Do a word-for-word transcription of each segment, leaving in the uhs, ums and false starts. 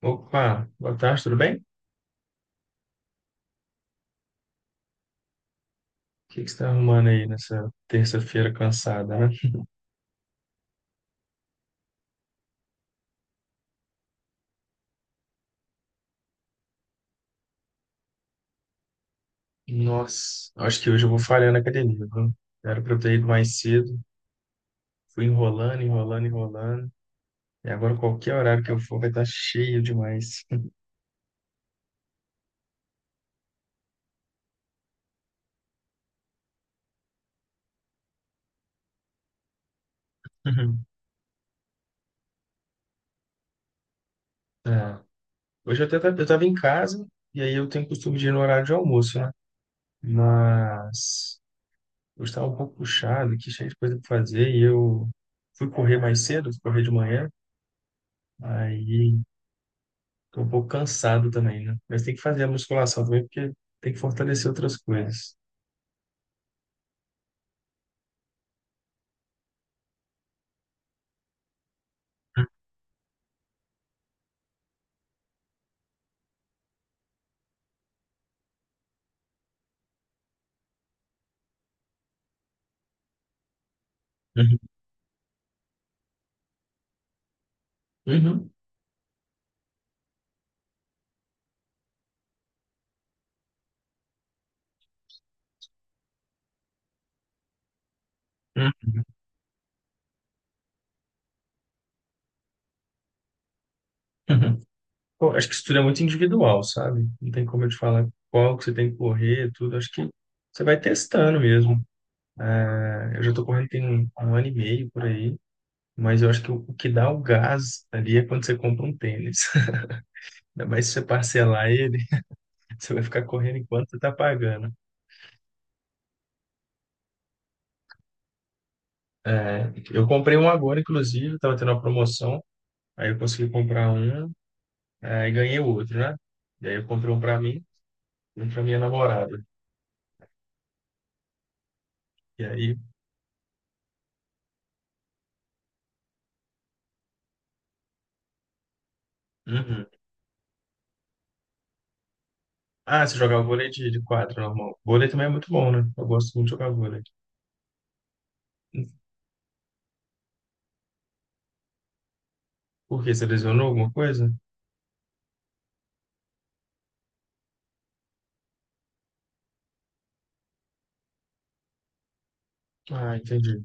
Opa, boa tarde, tudo bem? O que que você está arrumando aí nessa terça-feira cansada, né? Nossa, acho que hoje eu vou falhar na academia, viu? Era pra eu ter ido mais cedo, fui enrolando, enrolando, enrolando, e agora qualquer horário que eu for vai estar cheio demais. É. Hoje eu até tava, eu tava em casa, e aí eu tenho costume de ir no horário de almoço, né? Mas eu estava um pouco puxado, que cheio de coisa pra fazer, e eu fui correr mais cedo, fui correr de manhã, aí tô um pouco cansado também, né? Mas tem que fazer a musculação também, porque tem que fortalecer outras coisas. Uhum. Uhum. Uhum. Uhum. Pô, acho que isso tudo é muito individual, sabe? Não tem como eu te falar qual que você tem que correr, tudo. Acho que você vai testando mesmo. É, eu já tô correndo tem um, um ano e meio por aí, mas eu acho que o, o que dá o gás ali é quando você compra um tênis. Ainda mais se você parcelar ele, você vai ficar correndo enquanto você tá pagando. É, eu comprei um agora, inclusive, tava tendo uma promoção. Aí eu consegui comprar um. Aí ganhei outro, né? E aí eu comprei um pra mim e um pra minha namorada. E aí. Uhum. Ah, você jogava vôlei de, de quadra, normal. Vôlei também é muito bom, né? Eu gosto muito de jogar vôlei. Por quê? Você lesionou alguma coisa? Ah, entendi.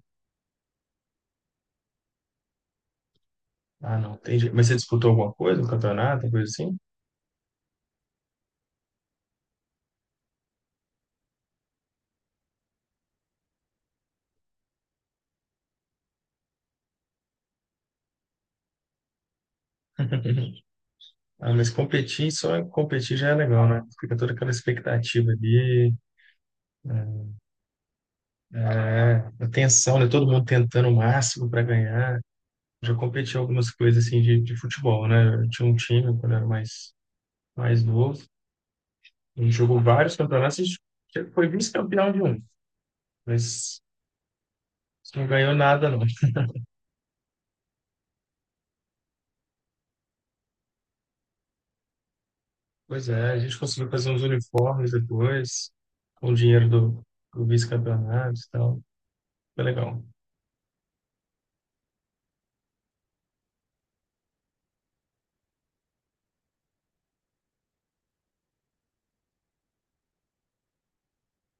Ah, não, entendi. Mas você disputou alguma coisa, um campeonato, coisa assim? Ah, mas competir, só competir já é legal, né? Fica toda aquela expectativa ali, né? É, a tensão, né? Todo mundo tentando o máximo para ganhar. Já competi em algumas coisas assim de, de futebol, né? Eu tinha um time quando eu era mais mais novo. Ele jogou vários campeonatos e foi vice-campeão de um, mas não ganhou nada, não. Pois é, a gente conseguiu fazer uns uniformes depois, com o dinheiro do, do vice-campeonato e tal. Foi legal.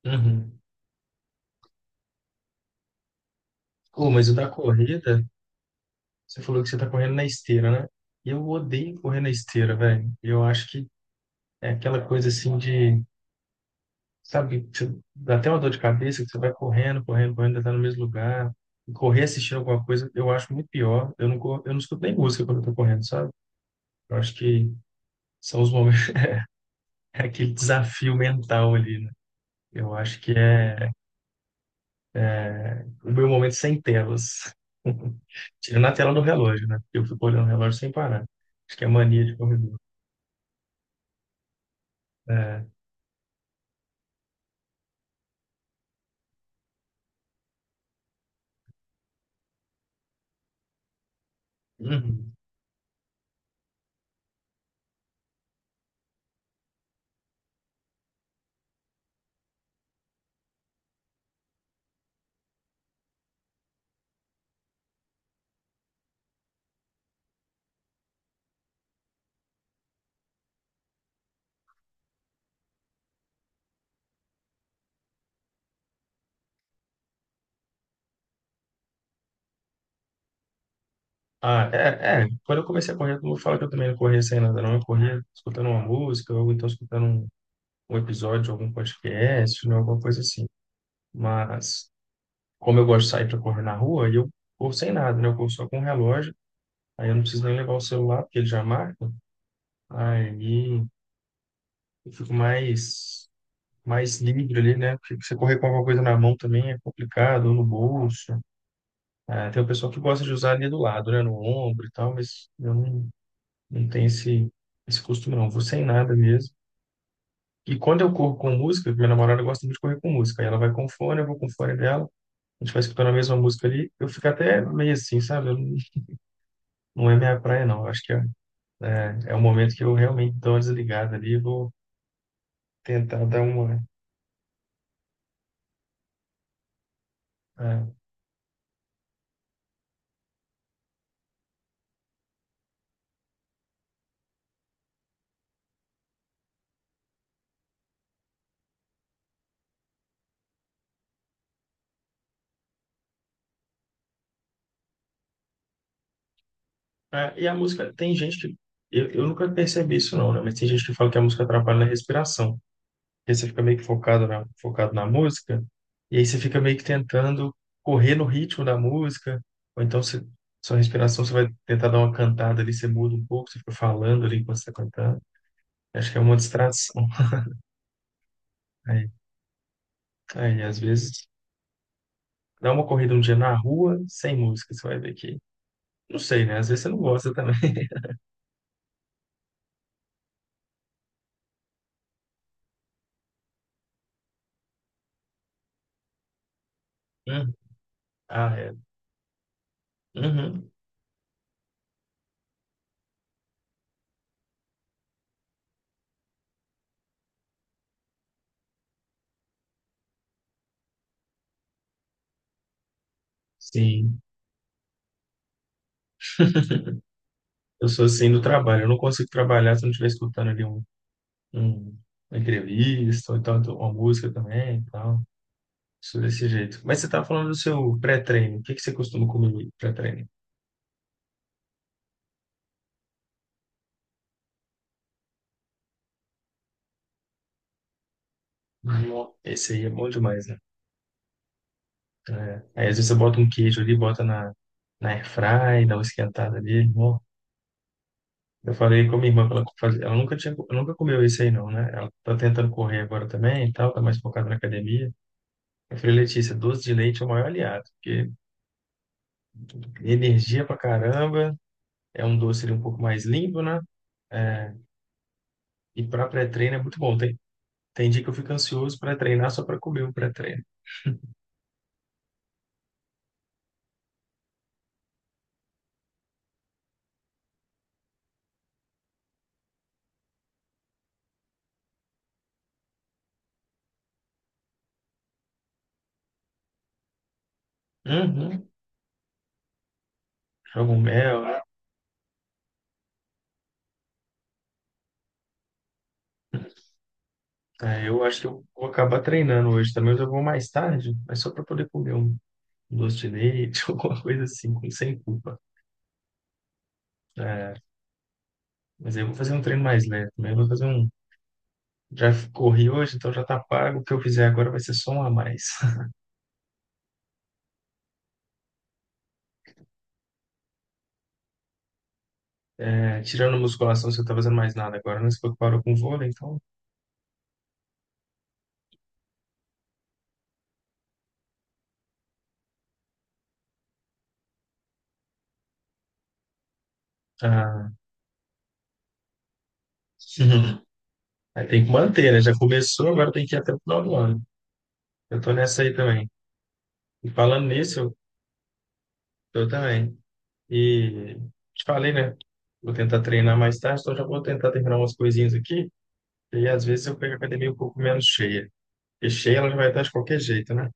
Uhum. Oh, mas o da corrida, você falou que você tá correndo na esteira, né? Eu odeio correr na esteira, velho. Eu acho que é aquela coisa assim de... Sabe, que você dá até uma dor de cabeça, que você vai correndo, correndo, correndo, ainda tá no mesmo lugar. E correr assistindo alguma coisa, eu acho muito pior. Eu não, cor- eu não escuto nem música quando eu tô correndo, sabe? Eu acho que são os momentos, é aquele desafio mental ali, né? Eu acho que é o meu momento sem telas. Tirando a tela do relógio, né? Eu fico olhando o relógio sem parar. Acho que é mania de corredor. É. Uhum. Ah, é, é. Quando eu comecei a correr, todo mundo fala que eu também não corria sem nada, não. Eu corria escutando uma música, ou então escutando um um episódio, algum podcast, né, alguma coisa assim. Mas, como eu gosto de sair para correr na rua, aí eu corro sem nada, né? Eu corro só com o relógio, aí eu não preciso nem levar o celular, porque ele já marca. Aí eu fico mais, mais livre ali, né? Porque você correr com alguma coisa na mão também é complicado, ou no bolso. Ah, tem o pessoal que gosta de usar ali do lado, né? No ombro e tal, mas eu não, não tenho esse, esse costume, não. Vou sem nada mesmo. E quando eu corro com música, minha namorada gosta muito de correr com música. Aí ela vai com fone, eu vou com fone dela. A gente vai escutando a mesma música ali, eu fico até meio assim, sabe? Eu não, não é minha praia, não. Eu acho que é, é, é o momento que eu realmente dou uma desligada ali e vou tentar dar uma. É. É, e a música, tem gente que... Eu, eu nunca percebi isso, não, né? Mas tem gente que fala que a música atrapalha na respiração. Porque você fica meio que focado na, focado na música, e aí você fica meio que tentando correr no ritmo da música, ou então você, sua respiração, você vai tentar dar uma cantada ali, você muda um pouco, você fica falando ali enquanto você está cantando. Acho que é uma distração. É. Aí, às vezes, dá uma corrida um dia na rua, sem música, você vai ver que... Não sei, né? Às vezes você não gosta também. Uhum. Ah, é. Uhum. Sim. Eu sou assim do trabalho. Eu não consigo trabalhar se eu não estiver escutando ali um, um- uma entrevista, ou então uma música também, e tal. Sou desse jeito. Mas você estava falando do seu pré-treino. O que que você costuma comer no pré-treino? Nó-. Esse aí é bom demais, né? É. Aí às vezes você bota um queijo ali, bota na, na airfry, dá uma esquentada ali. Eu falei com a minha irmã que ela fazia, ela nunca tinha, nunca comeu isso aí não, né? Ela tá tentando correr agora também e tal, tá mais focada na academia. Eu falei, Letícia, doce de leite é o maior aliado, porque energia pra caramba, é um doce ali um pouco mais limpo, né? É, e pra pré-treino é muito bom. Tem, tem dia que eu fico ansioso pra treinar só pra comer o pré-treino. Uhum. Jogo um mel, né? É, eu acho que eu vou acabar treinando hoje também, mas eu vou mais tarde, mas só pra poder comer um doce de leite, alguma coisa assim, com sem culpa. É, mas aí eu vou fazer um treino mais leve, né? Eu vou fazer um. Já corri hoje, então já tá pago. O que eu fizer agora vai ser só um a mais. É, tirando musculação, você não tá fazendo mais nada agora, né? Você falou que parou com vôlei, então. Ah, aí tem que manter, né? Já começou, agora tem que ir até o final do ano. Eu tô nessa aí também. E falando nisso, eu, eu também. E te falei, né? Vou tentar treinar mais tarde, então já vou tentar terminar umas coisinhas aqui. E às vezes eu pego a academia um pouco menos cheia. Porque cheia ela já vai estar de qualquer jeito, né?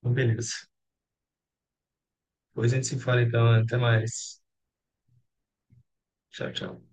Então, beleza. Depois a gente se fala então. Até mais. Tchau, tchau.